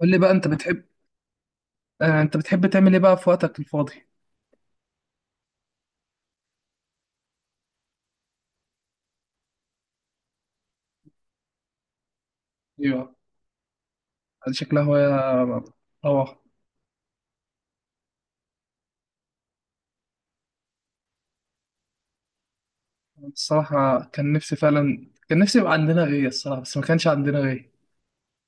قول لي بقى انت بتحب. انت بتحب تعمل ايه بقى في وقتك الفاضي؟ ايوه. هذه شكلها هواية روعة. الصراحة كان نفسي فعلا كان نفسي يبقى عندنا غيه الصراحة، بس ما كانش عندنا غيه.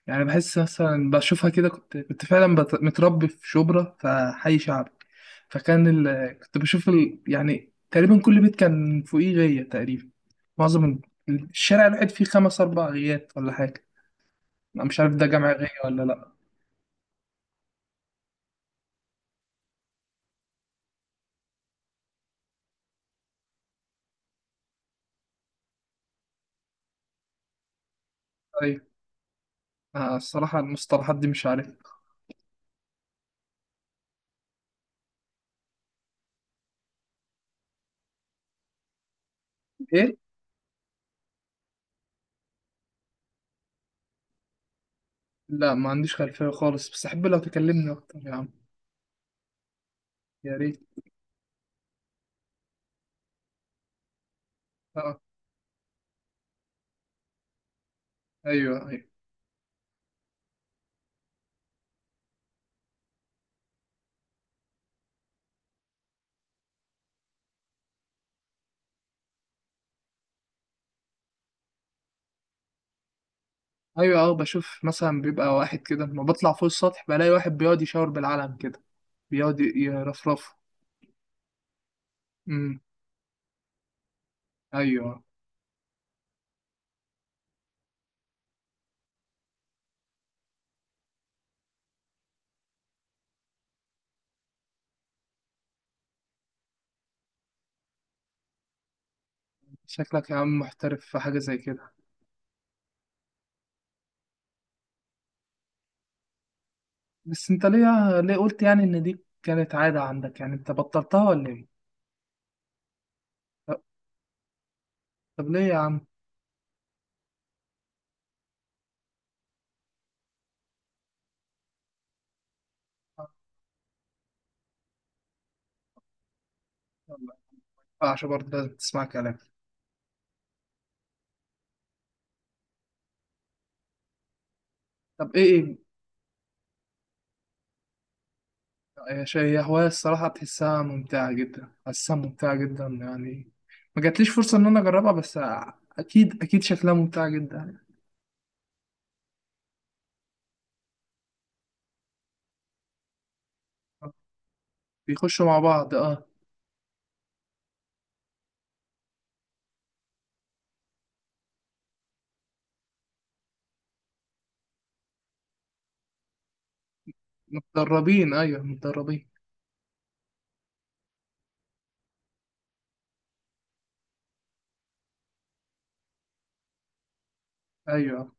يعني بحس مثلا بشوفها كده، كنت فعلا متربي في شبرا، في حي شعبي. كنت بشوف يعني تقريبا كل بيت كان فوقيه غيه تقريبا. معظم الشارع الواحد فيه خمس أربع غيات ولا حاجة. أنا مش عارف ده جمع غية ولا لأ. أيوة. الصراحة المصطلحات دي مش عارف. إيه. لا، ما عنديش خلفية خالص، بس أحب لو تكلمني أكتر يا عم. يا ريت. أه. أيوه أيوه أيوه. أه بشوف مثلا بيبقى واحد كده لما بطلع فوق السطح، بلاقي واحد بيقعد يشاور بالعلم كده. بيقعد يرفرفه. أمم. أيوه. شكلك يا عم محترف في حاجة زي كده. بس أنت ليه قلت يعني إن دي كانت عادة عندك، يعني أنت بطلتها ولا إيه؟ طب طب ليه يا عم؟ آه، يلا، ما ينفعش برضه، لازم تسمع كلامي. طب إيه إيه؟ هي هواية الصراحة بتحسها ممتعة جدا، حاسسها ممتعة جدا يعني. ما جاتليش فرصة إن أنا أجربها، بس أكيد أكيد شكلها ممتعة جدا يعني. بيخشوا مع بعض أه. متدربين، أيوه متدربين. أيوه.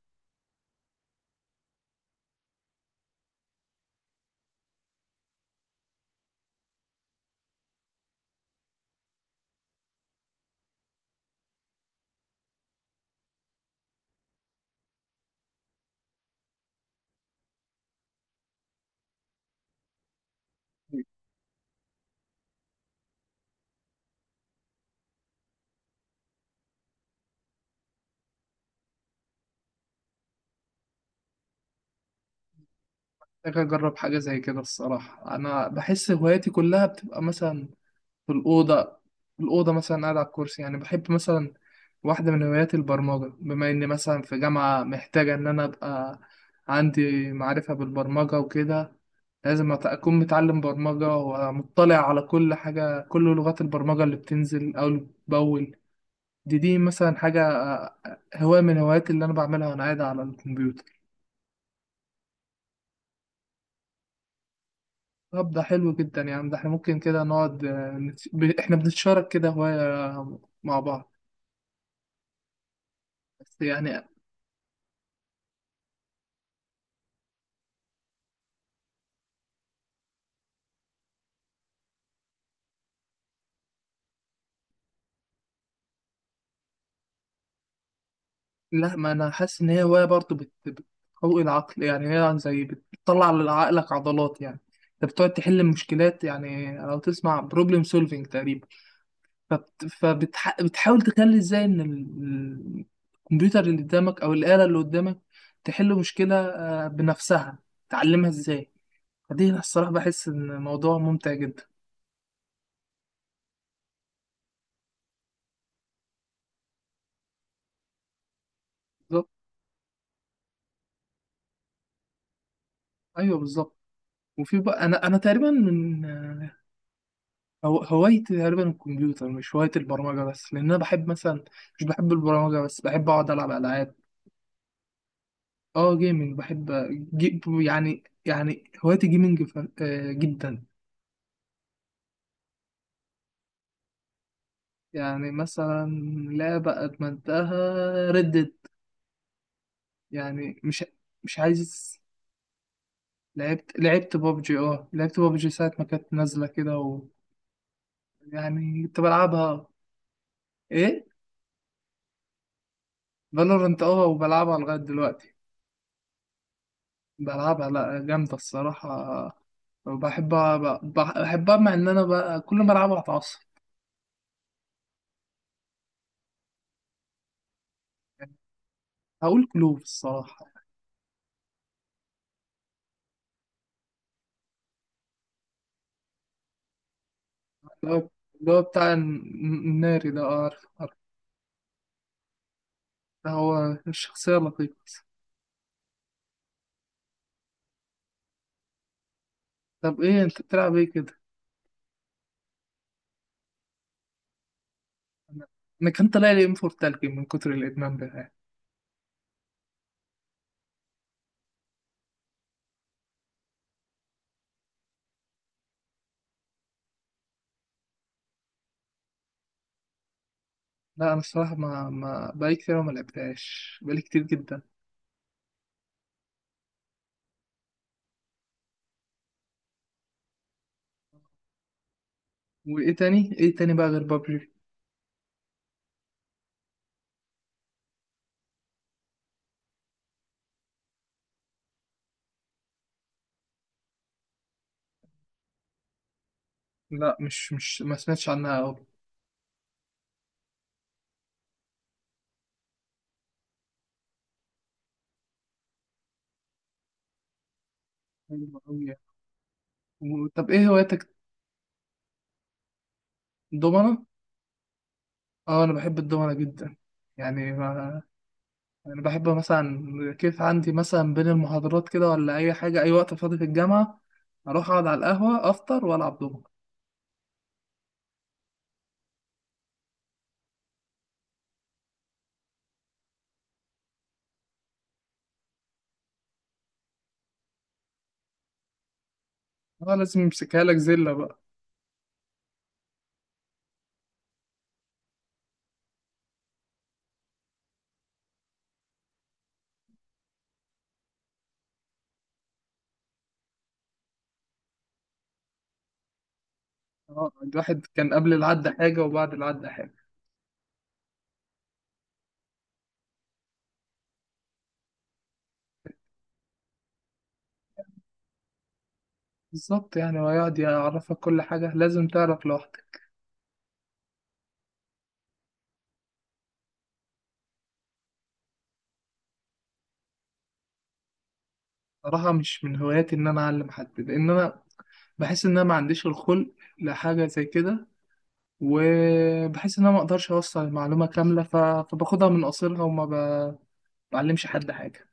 محتاج أجرب حاجة زي كده الصراحة. أنا بحس هواياتي كلها بتبقى مثلا في الأوضة في الأوضة مثلا قاعد على الكرسي، يعني بحب مثلا. واحدة من هواياتي البرمجة، بما إني مثلا في جامعة محتاجة إن أنا أبقى عندي معرفة بالبرمجة وكده. لازم أكون متعلم برمجة ومطلع على كل حاجة، كل لغات البرمجة اللي بتنزل أو اللي بتبول. دي مثلا حاجة، هواية من هواياتي اللي أنا بعملها وأنا قاعد على الكمبيوتر. طب ده حلو جدا يعني. ده احنا ممكن كده نقعد، احنا بنتشارك كده هواية مع بعض. بس يعني. لا، ما أنا حاسس إن هي هواية برضه بتقوي العقل، يعني هي يعني زي بتطلع لعقلك عضلات يعني. أنت بتقعد تحل مشكلات، يعني لو تسمع بروبلم سولفينج تقريبا. فبتحاول تخلي ازاي ان الكمبيوتر اللي قدامك او الآلة اللي قدامك تحل مشكلة بنفسها، تعلمها ازاي. فدي أنا الصراحة بحس ان موضوع ممتع جدا. بالظبط. ايوه بالظبط. وفي بقى انا تقريبا من هوايتي تقريبا الكمبيوتر، مش هوايتي البرمجة بس، لان انا بحب مثلا مش بحب البرمجة بس، بحب اقعد العب العاب. اه جيمنج، بحب يعني هوايتي جيمنج جدا. يعني مثلا لعبة أدمنتها. ردد. يعني مش عايز. لعبت بابجي، اه لعبت بابجي ساعة ما كانت نازلة كده يعني كنت بلعبها. ايه. فالورنت، اه، وبلعبها لغاية دلوقتي. بلعبها. لا، جامدة الصراحة. وبحبها، بحبها مع ان انا بقى كل ما العبها اتعصب يعني. هقول كلوب الصراحة. اللي هو اللي هو بتاع الناري ده، عارف عارف. ده هو الشخصية اللطيفة. طب ايه انت بتلعب ايه كده؟ انا أنا كان طالع لي ام 4 تلج من كتر الادمان بتاعي. لا انا الصراحه ما ما بقالي كتير أوي، ما لعبتهاش بقالي كتير جدا. وايه تاني، ايه تاني بقى غير بابجي؟ لا، مش ما سمعتش عنها أوي. حلو أوي يعني. طب ايه هواياتك؟ الدومنة. اه انا بحب الدومنة جدا. يعني ما انا بحب مثلا كيف عندي مثلا بين المحاضرات كده ولا اي حاجه، اي وقت فاضي في الجامعه اروح اقعد على القهوه افطر والعب دومنة. اه لازم يمسكها لك زله بقى. اه الواحد كان قبل العد حاجه وبعد العد حاجه. بالظبط يعني، ويقعد يعرفك كل حاجة لازم تعرف لوحدك. صراحة مش من هواياتي إن أنا أعلم حد، لأن أنا بحس إن أنا ما عنديش الخلق لحاجة زي كده. وبحس إن أنا ما أقدرش أوصل المعلومة كاملة، فباخدها من قصيرها وما بعلمش حد حاجة.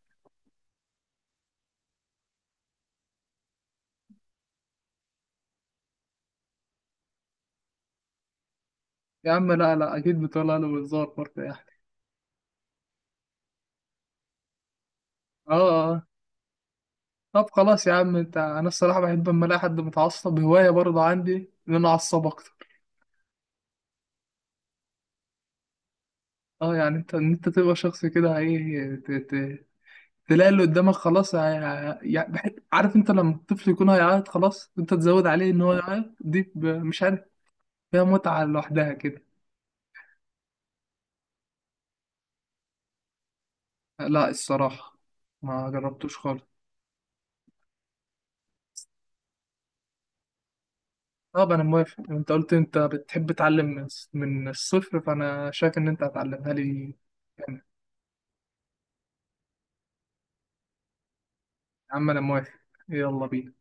يا عم، لا لا، أكيد بتقولها له بهزار برضه يعني. آه آه. طب خلاص يا عم. أنا الصراحة بحب أما ألاقي حد متعصب هواية برضه عندي إن أنا أعصب أكتر. آه، يعني إن أنت تبقى شخص كده، إيه، تلاقي اللي قدامك خلاص، يعني عارف انت لما الطفل يكون هيعيط خلاص انت تزود عليه ان هو يعيط، دي مش عارف، فيها متعة لوحدها كده. لا الصراحة ما جربتوش خالص. طب انا موافق، انت قلت انت بتحب تعلم من الصفر، فانا شايف ان انت هتعلمها لي يعني. يا عم انا موافق، يلا بينا.